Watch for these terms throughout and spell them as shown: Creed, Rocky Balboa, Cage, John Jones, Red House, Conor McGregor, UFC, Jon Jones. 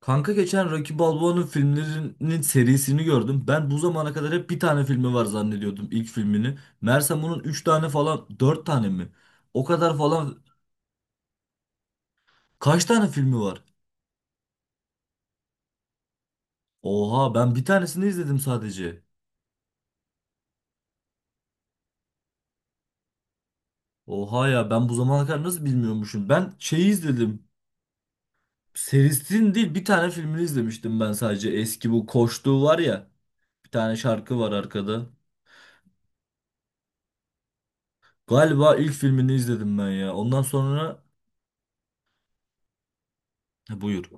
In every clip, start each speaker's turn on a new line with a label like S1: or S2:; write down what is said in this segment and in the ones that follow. S1: Kanka geçen Rocky Balboa'nın filmlerinin serisini gördüm. Ben bu zamana kadar hep bir tane filmi var zannediyordum ilk filmini. Meğersem bunun 3 tane falan 4 tane mi? O kadar falan kaç tane filmi var? Oha ben bir tanesini izledim sadece. Oha ya ben bu zamana kadar nasıl bilmiyormuşum. Ben şeyi izledim. Serisinin değil bir tane filmini izlemiştim ben sadece. Eski bu koştuğu var ya. Bir tane şarkı var arkada. Galiba ilk filmini izledim ben ya. Ondan sonra ha, buyur.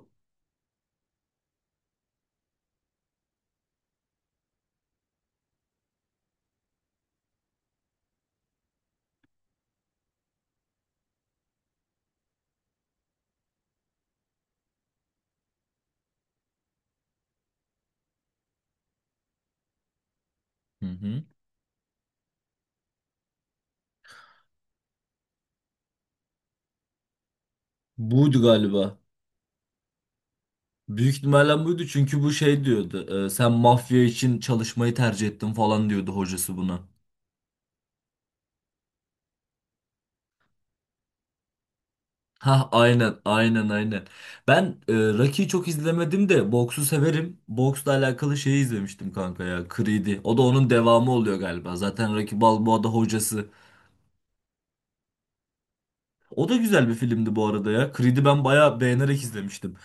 S1: Hı hı. Buydu galiba. Büyük ihtimalle buydu çünkü bu şey diyordu. Sen mafya için çalışmayı tercih ettin falan diyordu hocası buna. Ha aynen aynen aynen. Ben Rocky'yi çok izlemedim de boksu severim. Boksla alakalı şeyi izlemiştim kanka ya. Creed'i. O da onun devamı oluyor galiba. Zaten Rocky Balboa da hocası. O da güzel bir filmdi bu arada ya. Creed'i ben bayağı beğenerek izlemiştim.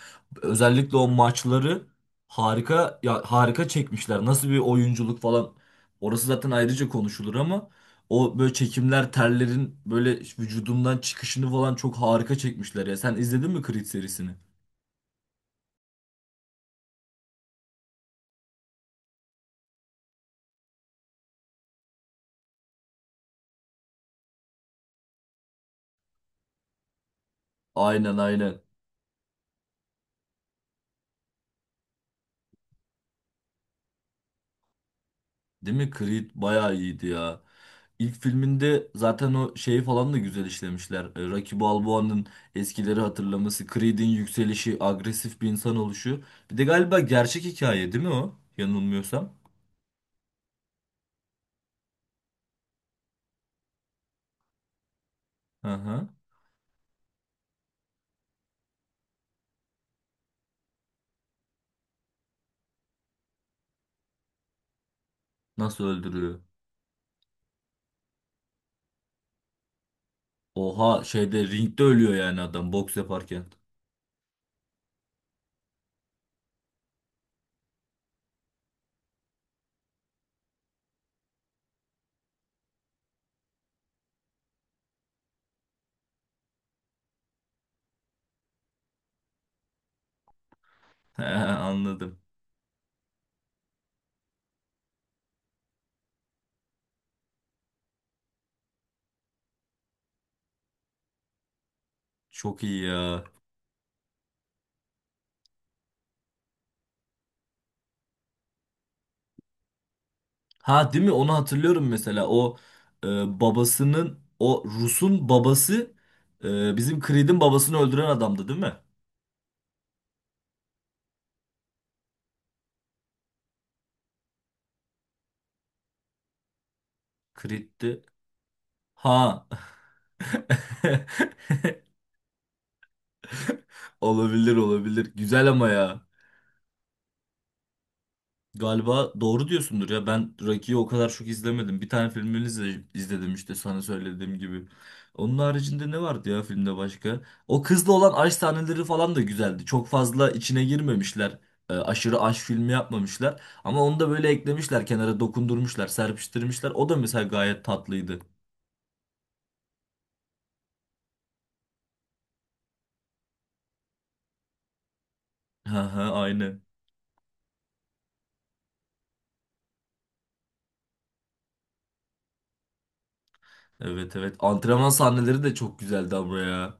S1: Özellikle o maçları harika ya, harika çekmişler. Nasıl bir oyunculuk falan. Orası zaten ayrıca konuşulur ama o böyle çekimler terlerin böyle vücudumdan çıkışını falan çok harika çekmişler ya. Sen izledin mi Creed serisini? Aynen aynen. Değil mi? Creed bayağı iyiydi ya. İlk filminde zaten o şeyi falan da güzel işlemişler. Rocky Balboa'nın eskileri hatırlaması, Creed'in yükselişi, agresif bir insan oluşu. Bir de galiba gerçek hikaye değil mi o? Yanılmıyorsam. Hı hı. Nasıl öldürüyor? Oha, şeyde ringde ölüyor yani adam boks yaparken. He, anladım. Çok iyi ya. Ha değil mi? Onu hatırlıyorum mesela. O e, babasının o Rus'un babası bizim Creed'in babasını öldüren adamdı değil mi? Crit'ti. Ha. Olabilir olabilir. Güzel ama ya. Galiba doğru diyorsundur ya. Ben Rocky'yi o kadar çok izlemedim. Bir tane filmini izledim işte sana söylediğim gibi. Onun haricinde ne vardı ya filmde başka? O kızla olan aşk sahneleri falan da güzeldi. Çok fazla içine girmemişler. Aşırı aşk filmi yapmamışlar. Ama onu da böyle eklemişler, kenara dokundurmuşlar, serpiştirmişler. O da mesela gayet tatlıydı. Ha ha, aynı. Evet evet. Antrenman sahneleri de çok güzeldi ama ya.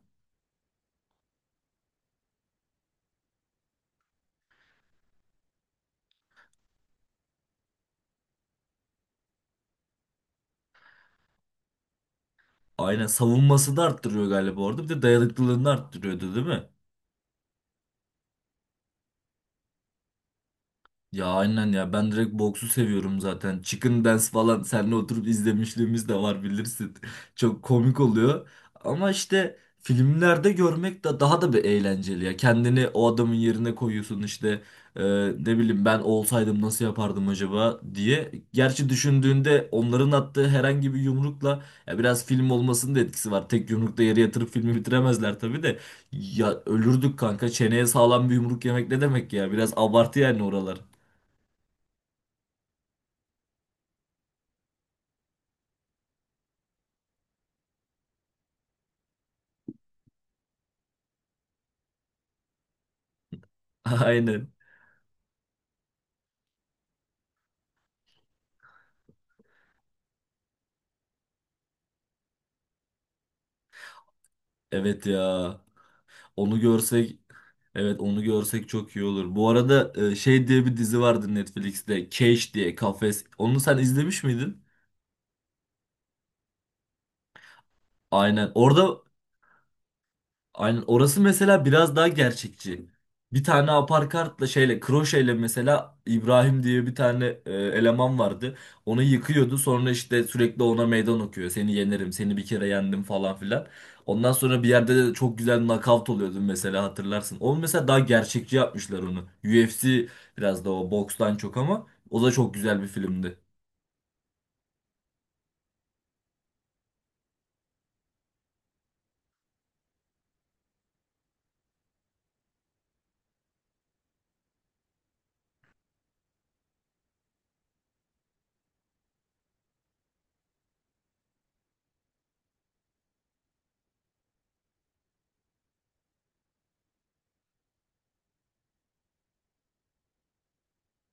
S1: Aynen, savunması da arttırıyor galiba orada. Bir de dayanıklılığını arttırıyordu değil mi? Ya aynen ya, ben direkt boksu seviyorum zaten. Chicken Dance falan seninle oturup izlemişliğimiz de var bilirsin. Çok komik oluyor. Ama işte filmlerde görmek de daha da bir eğlenceli ya. Kendini o adamın yerine koyuyorsun işte e, ne bileyim ben olsaydım nasıl yapardım acaba diye. Gerçi düşündüğünde onların attığı herhangi bir yumrukla ya, biraz film olmasının da etkisi var. Tek yumrukta yere yatırıp filmi bitiremezler tabii de. Ya ölürdük kanka. Çeneye sağlam bir yumruk yemek ne demek ya? Biraz abartı yani oralar. Aynen. Evet ya. Onu görsek, evet onu görsek çok iyi olur. Bu arada şey diye bir dizi vardı Netflix'te. Cage diye, Kafes. Onu sen izlemiş miydin? Aynen. Orada aynen, orası mesela biraz daha gerçekçi. Bir tane aparkartla, şeyle, kroşeyle mesela İbrahim diye bir tane eleman vardı. Onu yıkıyordu, sonra işte sürekli ona meydan okuyor. Seni yenerim, seni bir kere yendim falan filan. Ondan sonra bir yerde de çok güzel knockout oluyordun mesela hatırlarsın. Onu mesela daha gerçekçi yapmışlar onu. UFC biraz da o, bokstan çok, ama o da çok güzel bir filmdi.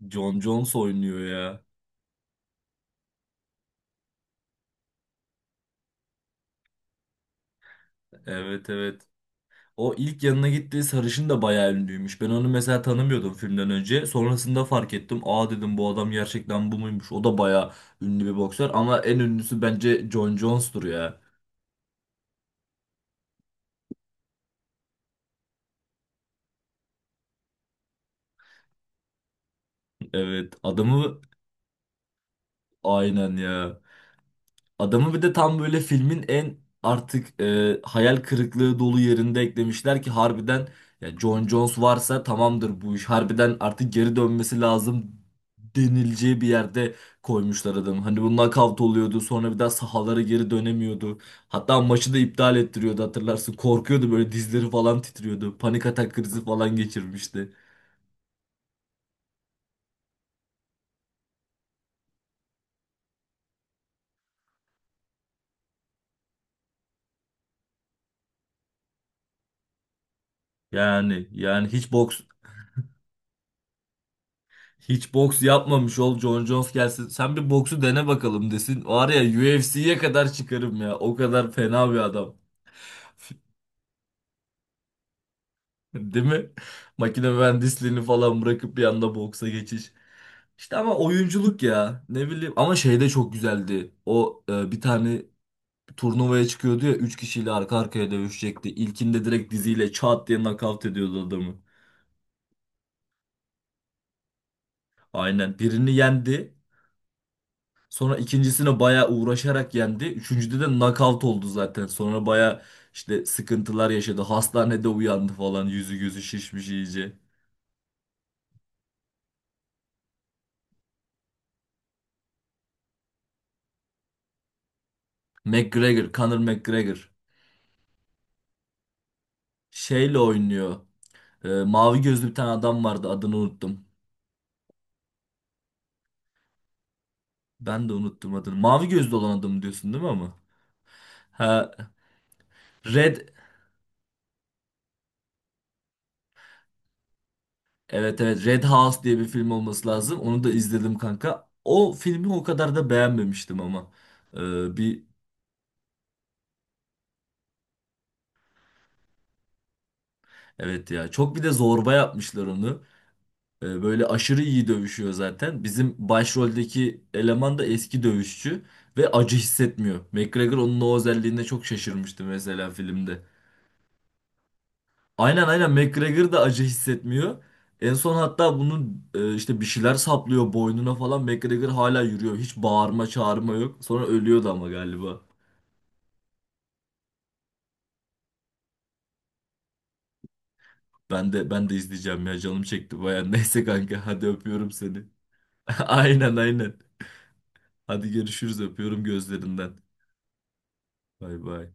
S1: Jon Jones oynuyor ya. Evet evet. O ilk yanına gittiği sarışın da bayağı ünlüymüş. Ben onu mesela tanımıyordum filmden önce. Sonrasında fark ettim. Aa, dedim bu adam gerçekten bu muymuş? O da bayağı ünlü bir boksör ama en ünlüsü bence John Jones'tur ya. Evet adamı aynen ya. Adamı bir de tam böyle filmin en artık hayal kırıklığı dolu yerinde eklemişler ki harbiden ya Jon Jones varsa tamamdır bu iş. Harbiden artık geri dönmesi lazım denileceği bir yerde koymuşlar adamı. Hani bu knockout oluyordu, sonra bir daha sahalara geri dönemiyordu. Hatta maçı da iptal ettiriyordu hatırlarsın. Korkuyordu, böyle dizleri falan titriyordu. Panik atak krizi falan geçirmişti. Yani yani hiç boks hiç boks yapmamış ol, John Jones gelsin. Sen bir boksu dene bakalım desin. Var ya, UFC'ye kadar çıkarım ya. O kadar fena bir adam. Değil mi? Makine mühendisliğini falan bırakıp bir anda boksa geçiş. İşte ama oyunculuk ya. Ne bileyim. Ama şey de çok güzeldi. O bir tane turnuvaya çıkıyordu ya. Üç kişiyle arka arkaya dövüşecekti. İlkinde direkt diziyle çat diye nakavt ediyordu adamı. Aynen. Birini yendi. Sonra ikincisine bayağı uğraşarak yendi. Üçüncüde de knockout oldu zaten. Sonra bayağı işte sıkıntılar yaşadı. Hastanede uyandı falan. Yüzü gözü şişmiş iyice. McGregor, Conor McGregor. Şeyle oynuyor. Mavi gözlü bir tane adam vardı. Adını unuttum. Ben de unuttum adını. Mavi gözlü olan adam diyorsun değil mi ama? Ha, Red. Evet evet, Red House diye bir film olması lazım. Onu da izledim kanka. O filmi o kadar da beğenmemiştim ama. Bir evet ya çok, bir de zorba yapmışlar onu. Böyle aşırı iyi dövüşüyor zaten. Bizim başroldeki eleman da eski dövüşçü ve acı hissetmiyor. McGregor onun o özelliğine çok şaşırmıştı mesela filmde. Aynen aynen, McGregor da acı hissetmiyor. En son hatta bunun işte bir şeyler saplıyor boynuna falan. McGregor hala yürüyor. Hiç bağırma çağırma yok. Sonra ölüyordu ama galiba. Ben de ben de izleyeceğim ya, canım çekti baya. Neyse kanka, hadi öpüyorum seni. Aynen aynen. Hadi görüşürüz, öpüyorum gözlerinden. Bay bay.